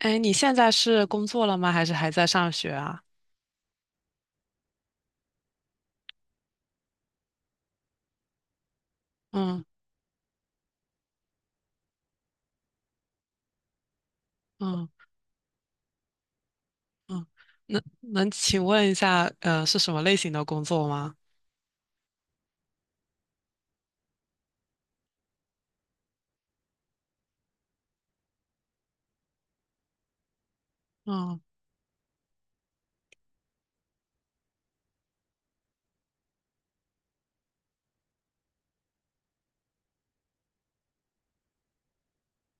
哎，你现在是工作了吗？还是还在上学啊？嗯嗯嗯。能请问一下，是什么类型的工作吗？嗯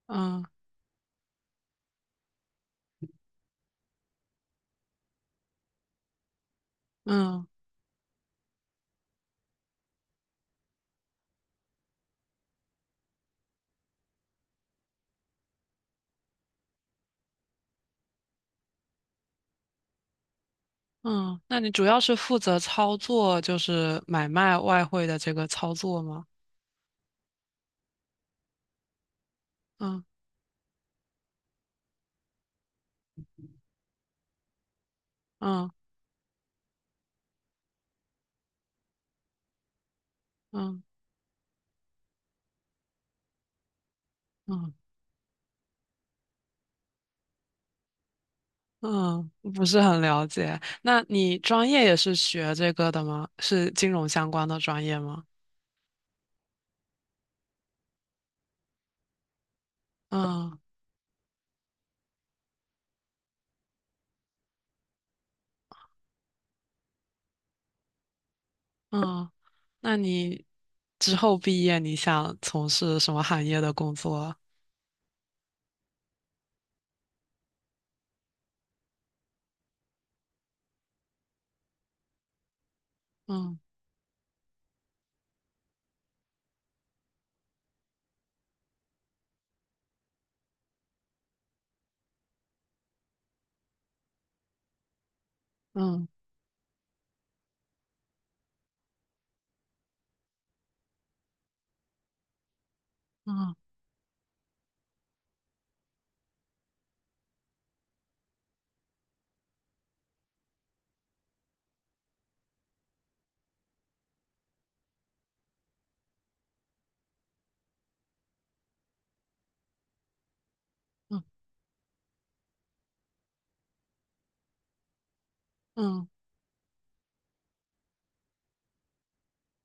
嗯嗯嗯。那你主要是负责操作，就是买卖外汇的这个操作吗？嗯嗯嗯嗯嗯。不是很了解。那你专业也是学这个的吗？是金融相关的专业吗？嗯。嗯，那你之后毕业，你想从事什么行业的工作啊。嗯嗯嗯嗯嗯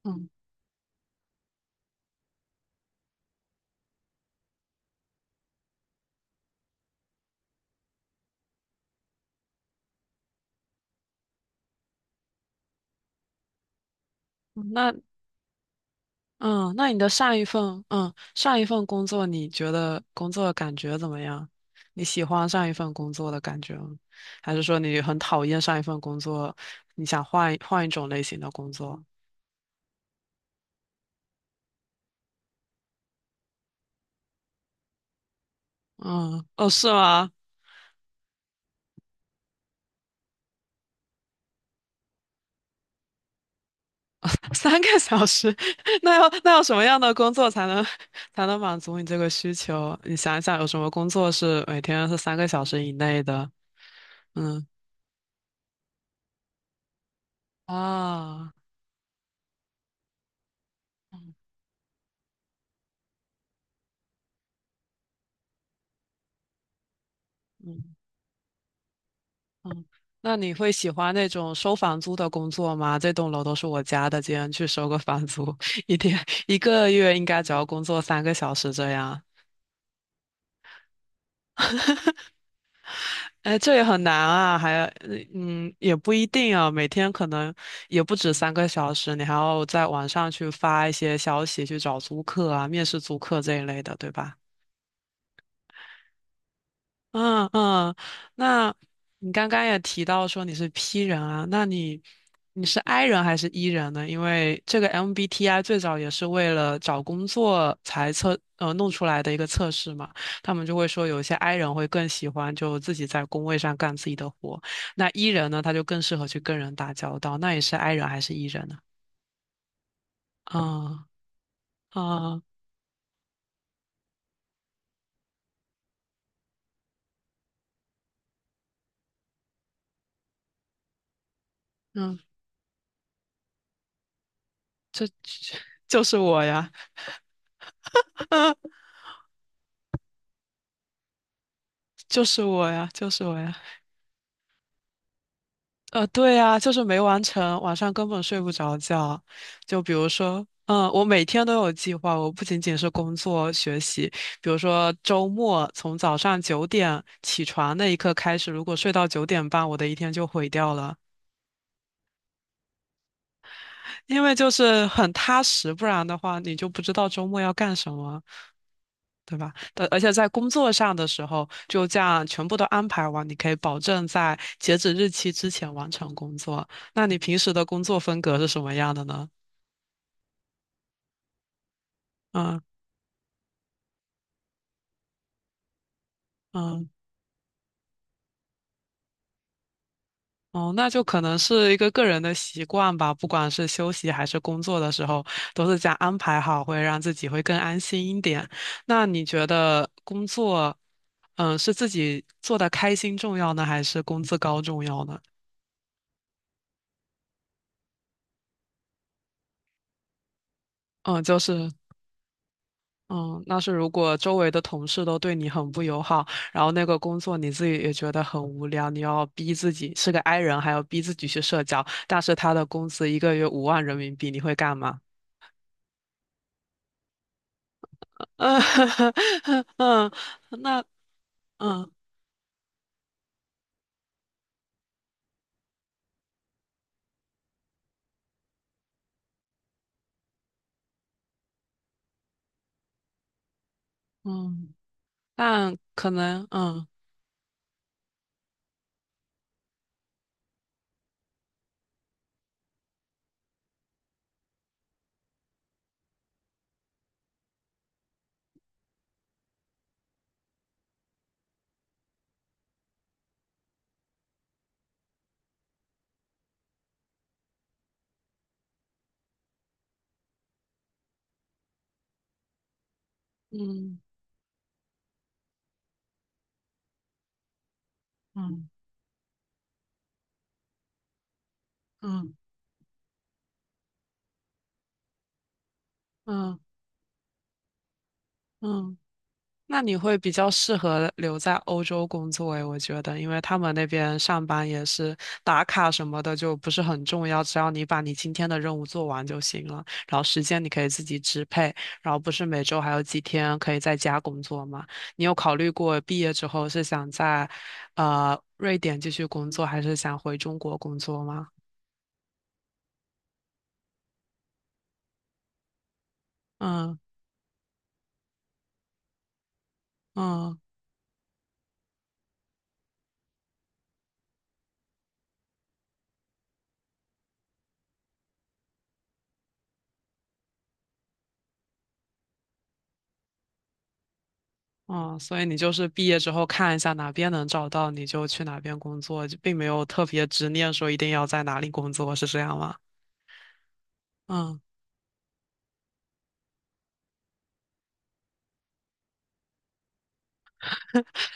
嗯。嗯那嗯，那你的上一份工作，你觉得工作的感觉怎么样？你喜欢上一份工作的感觉吗？还是说你很讨厌上一份工作，你想换一种类型的工作？嗯，哦，是吗？三个小时。那要什么样的工作才能满足你这个需求？你想一想，有什么工作是每天是三个小时以内的？嗯啊。嗯嗯嗯。那你会喜欢那种收房租的工作吗？这栋楼都是我家的，今天去收个房租，一天一个月应该只要工作三个小时这样。哎，这也很难啊。还也不一定啊，每天可能也不止三个小时，你还要在网上去发一些消息去找租客啊、面试租客这一类的，对吧？嗯嗯。那你刚刚也提到说你是 P 人啊。那你是 I 人还是 E 人呢？因为这个 MBTI 最早也是为了找工作才弄出来的一个测试嘛，他们就会说有一些 I 人会更喜欢就自己在工位上干自己的活，那 E 人呢他就更适合去跟人打交道，那你是 I 人还是 E 人呢？啊啊嗯。这就是我呀，就是我呀，就是我呀。对呀，就是没完成，晚上根本睡不着觉。就比如说，嗯，我每天都有计划，我不仅仅是工作学习。比如说周末从早上九点起床那一刻开始，如果睡到9点半，我的一天就毁掉了。因为就是很踏实，不然的话你就不知道周末要干什么，对吧？但而且在工作上的时候，就这样全部都安排完，你可以保证在截止日期之前完成工作。那你平时的工作风格是什么样的呢？嗯嗯。哦，那就可能是一个个人的习惯吧，不管是休息还是工作的时候，都是这样安排好，会让自己会更安心一点。那你觉得工作，嗯，是自己做的开心重要呢，还是工资高重要呢？嗯，就是。嗯，那是如果周围的同事都对你很不友好，然后那个工作你自己也觉得很无聊，你要逼自己是个 i 人，还要逼自己去社交，但是他的工资一个月5万人民币，你会干嘛？呃，嗯。那嗯嗯，但可能嗯嗯嗯嗯嗯，那你会比较适合留在欧洲工作诶，我觉得，因为他们那边上班也是打卡什么的，就不是很重要，只要你把你今天的任务做完就行了，然后时间你可以自己支配，然后不是每周还有几天可以在家工作吗？你有考虑过毕业之后是想在瑞典继续工作，还是想回中国工作吗？嗯嗯。嗯，所以你就是毕业之后看一下哪边能找到，你就去哪边工作，就并没有特别执念说一定要在哪里工作，是这样吗？嗯，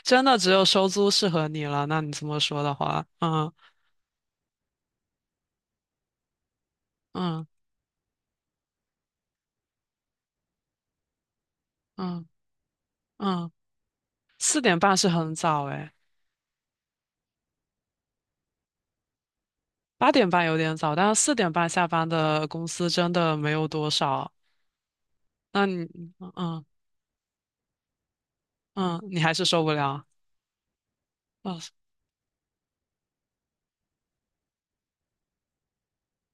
真的只有收租适合你了。那你这么说的话，嗯嗯嗯嗯。四点半是很早诶。八点半有点早，但是四点半下班的公司真的没有多少。那你嗯嗯，嗯你还是受不了。嗯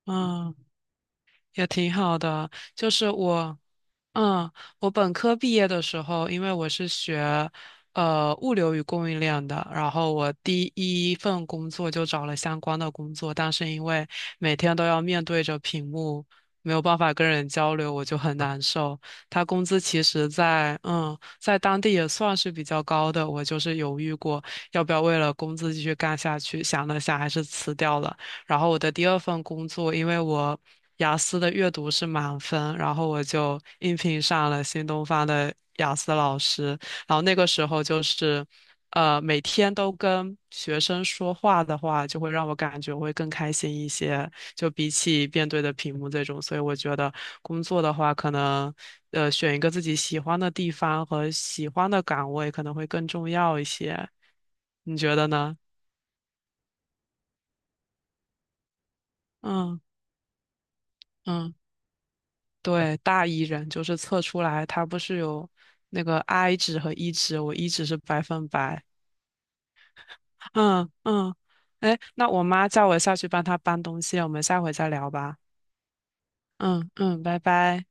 嗯，也挺好的，就是我。嗯，我本科毕业的时候，因为我是学物流与供应链的，然后我第一份工作就找了相关的工作，但是因为每天都要面对着屏幕，没有办法跟人交流，我就很难受。他工资其实在当地也算是比较高的，我就是犹豫过要不要为了工资继续干下去，想了想还是辞掉了。然后我的第二份工作，因为我雅思的阅读是满分，然后我就应聘上了新东方的雅思老师。然后那个时候就是，每天都跟学生说话的话，就会让我感觉会更开心一些，就比起面对的屏幕这种。所以我觉得工作的话，可能选一个自己喜欢的地方和喜欢的岗位可能会更重要一些。你觉得呢？嗯嗯。对，大 E 人就是测出来，他不是有那个 I 值和 E 值，我 E 值是100%。嗯嗯。哎，那我妈叫我下去帮她搬东西，我们下回再聊吧。嗯嗯，拜拜。